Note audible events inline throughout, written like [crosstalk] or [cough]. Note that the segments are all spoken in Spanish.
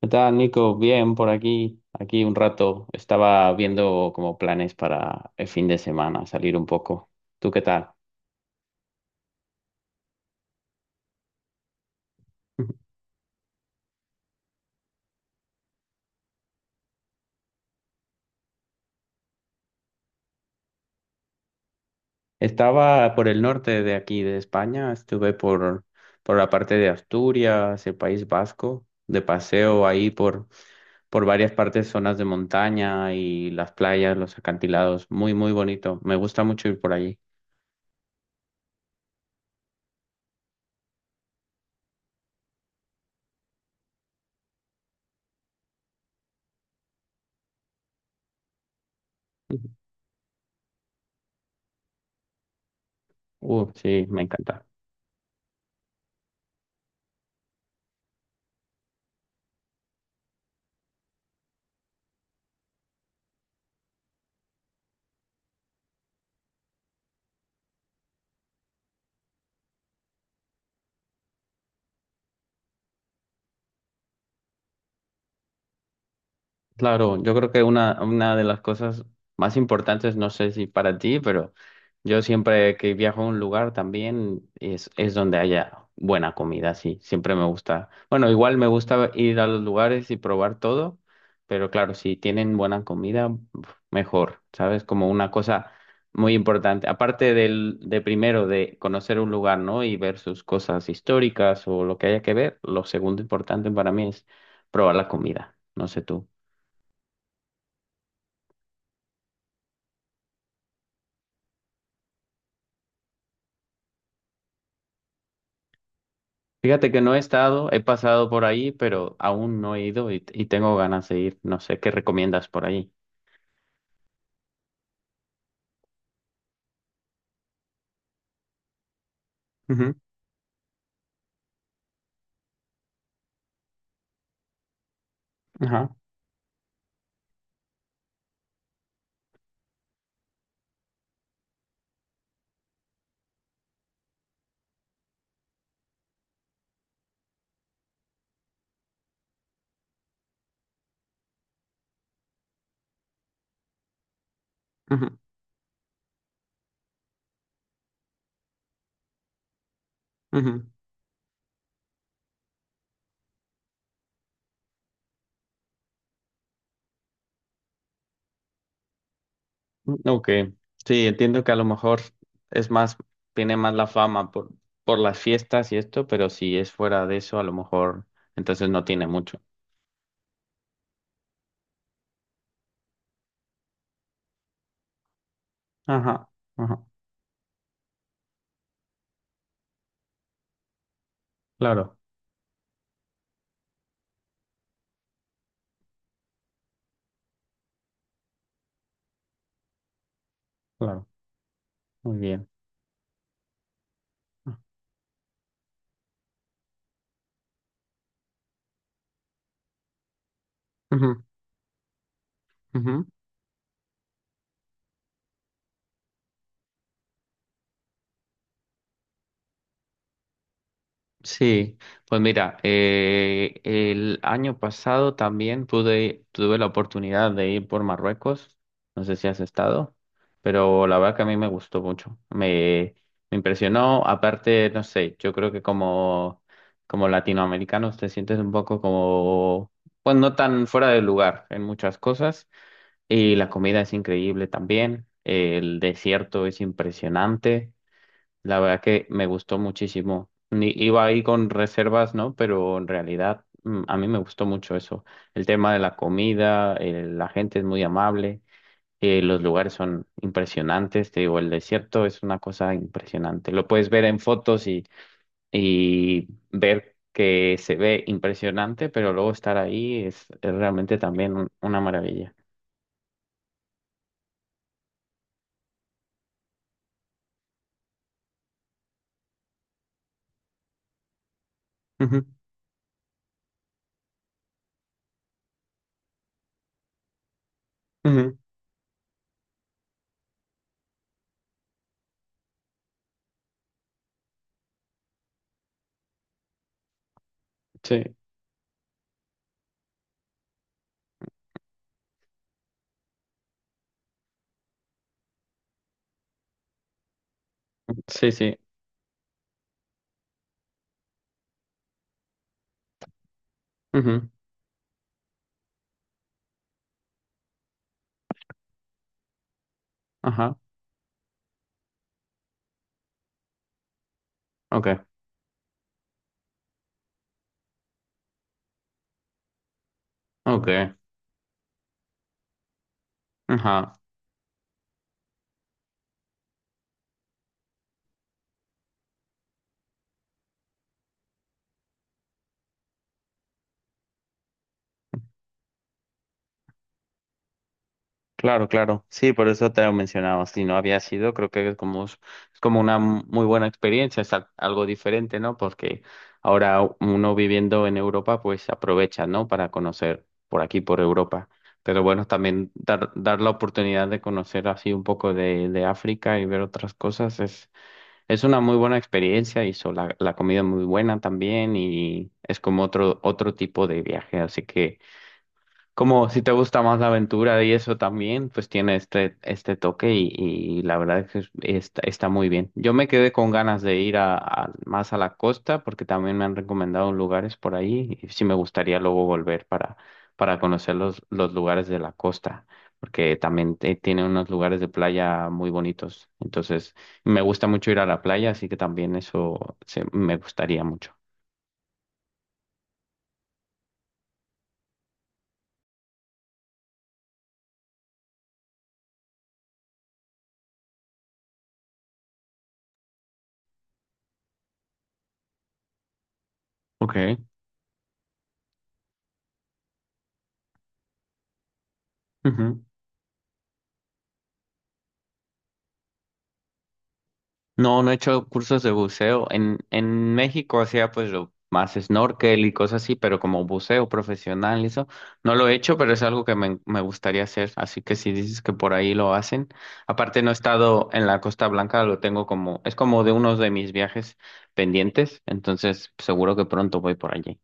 ¿Qué tal, Nico? Bien, por aquí. Aquí un rato estaba viendo como planes para el fin de semana, salir un poco. ¿Tú qué tal? [laughs] Estaba por el norte de aquí, de España. Estuve por la parte de Asturias, el País Vasco, de paseo ahí por varias partes, zonas de montaña y las playas, los acantilados. Muy, muy bonito. Me gusta mucho ir por allí. [laughs] Sí, me encanta. Claro, yo creo que una de las cosas más importantes, no sé si para ti, pero yo siempre que viajo a un lugar también es donde haya buena comida, sí, siempre me gusta. Bueno, igual me gusta ir a los lugares y probar todo, pero claro, si tienen buena comida, uf, mejor, ¿sabes? Como una cosa muy importante. Aparte de primero de conocer un lugar, ¿no? Y ver sus cosas históricas o lo que haya que ver, lo segundo importante para mí es probar la comida, no sé tú. Fíjate que no he estado, he pasado por ahí, pero aún no he ido y tengo ganas de ir. No sé qué recomiendas por ahí. Ujú. Ajá. Ujú, ujú. Ok. Sí, entiendo que a lo mejor es más, tiene más la fama por las fiestas y esto, pero si es fuera de eso, a lo mejor entonces no tiene mucho. Ajá. Ajá. Claro, claro. Muy bien. Ujú, ujú. Sí, pues mira, el año pasado también tuve la oportunidad de ir por Marruecos, no sé si has estado, pero la verdad que a mí me gustó mucho, me impresionó, aparte, no sé, yo creo que como latinoamericanos te sientes un poco como, pues no tan fuera de lugar en muchas cosas, y la comida es increíble también, el desierto es impresionante. La verdad que me gustó muchísimo. Iba ahí con reservas, ¿no? Pero en realidad a mí me gustó mucho eso. El tema de la comida, la gente es muy amable, los lugares son impresionantes. Te digo, el desierto es una cosa impresionante. Lo puedes ver en fotos y ver que se ve impresionante, pero luego estar ahí es realmente también una maravilla. Ujú, ujú. Sí, sí, sí. Ujú. Ajá, ok, ok, ajá. Claro, claro. Sí, por eso te lo mencionaba. Si no había sido, creo que es como una muy buena experiencia, es algo diferente, ¿no? Porque ahora uno viviendo en Europa, pues aprovecha, ¿no? Para conocer por aquí, por Europa. Pero bueno, también dar la oportunidad de conocer así un poco de África y ver otras cosas es una muy buena experiencia y la comida es muy buena también y es como otro tipo de viaje. Así que... Como si te gusta más la aventura y eso también, pues tiene este toque y la verdad es que está, está muy bien. Yo me quedé con ganas de ir más a la costa porque también me han recomendado lugares por ahí y sí me gustaría luego volver para conocer los lugares de la costa porque también tiene unos lugares de playa muy bonitos. Entonces, me gusta mucho ir a la playa, así que también me gustaría mucho. Ok. No, no he hecho cursos de buceo. En México hacía pues lo más snorkel y cosas así, pero como buceo profesional y eso, no lo he hecho, pero es algo que me gustaría hacer. Así que si dices que por ahí lo hacen, aparte no he estado en la Costa Blanca, lo tengo como, es como de uno de mis viajes pendientes, entonces seguro que pronto voy por allí.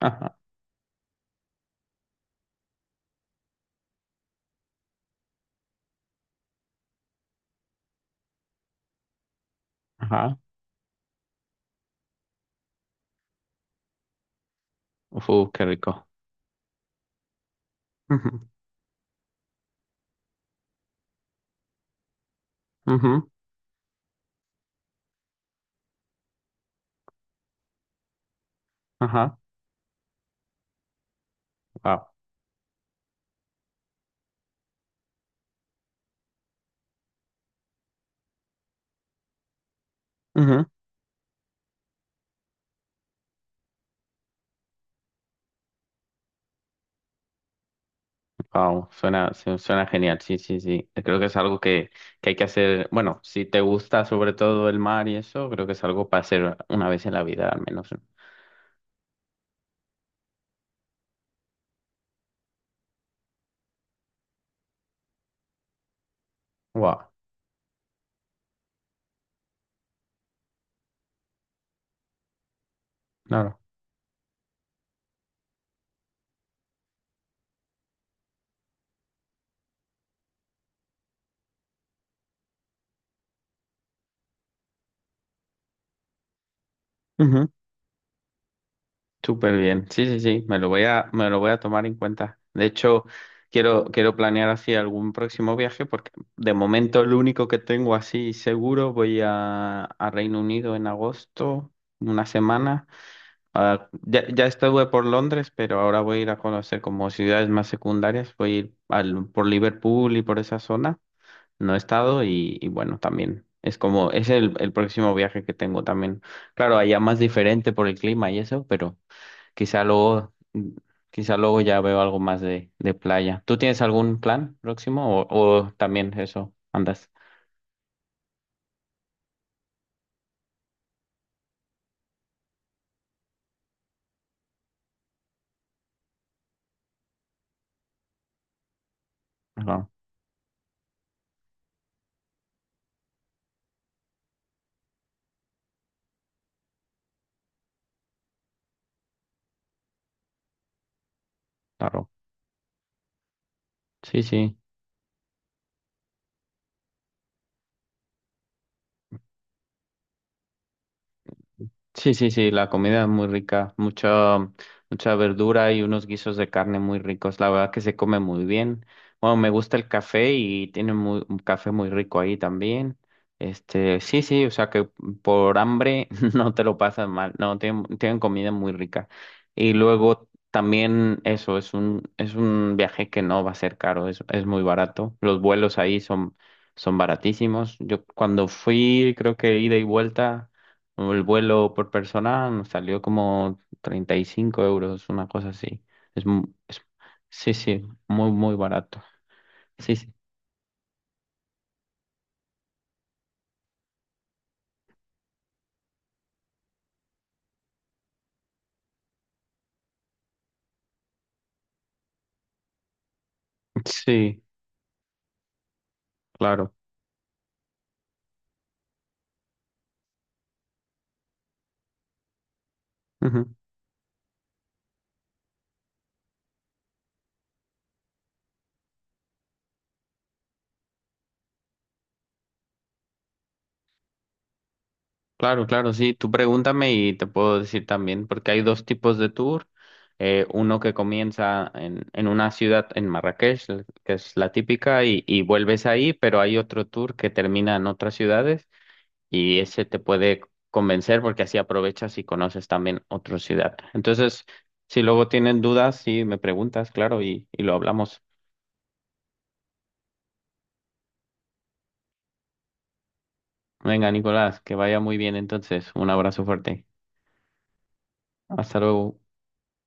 Ajá, ajá. Uf, qué rico. [laughs] Ujú, ujú, ajá, wow. Wow, suena, suena genial, sí, sí, sí. Creo que es algo que hay que hacer, bueno, si te gusta sobre todo el mar y eso, creo que es algo para hacer una vez en la vida al menos. Wow, claro. Ujú. Súper bien, sí, sí, sí, me lo voy a tomar en cuenta. De hecho, quiero planear así algún próximo viaje porque de momento el único que tengo así seguro voy a Reino Unido en agosto, una semana. Ah, ya estuve por Londres, pero ahora voy a ir a conocer como ciudades más secundarias. Voy a ir por Liverpool y por esa zona. No he estado y bueno, también es como, es el próximo viaje que tengo también. Claro, allá más diferente por el clima y eso, pero quizá luego, quizá luego ya veo algo más de playa. ¿Tú tienes algún plan próximo o también eso andas? Claro, claro. Sí, sí. Sí, sí, sí, la comida es muy rica, mucha, mucha verdura y unos guisos de carne muy ricos. La verdad que se come muy bien. Bueno, me gusta el café y tiene un café muy rico ahí también. Este, sí, sí, o sea que por hambre [laughs] no te lo pasas mal. No, tienen, tienen comida muy rica. Y luego también eso, es es un viaje que no va a ser caro, es muy barato. Los vuelos ahí son, son baratísimos. Yo cuando fui, creo que ida y vuelta. El vuelo por persona nos salió como 35 euros, una cosa así. Es, sí, sí, muy, muy barato. Sí, sí. [laughs] Sí, claro. Ujú. Claro, claro, sí. Tú pregúntame y te puedo decir también, porque hay dos tipos de tour. Uno que comienza en una ciudad en Marrakech, que es la típica, y vuelves ahí, pero hay otro tour que termina en otras ciudades y ese te puede convencer porque así aprovechas y conoces también otra ciudad. Entonces, si luego tienen dudas, sí me preguntas, claro, y lo hablamos. Venga, Nicolás, que vaya muy bien entonces. Un abrazo fuerte. Hasta luego.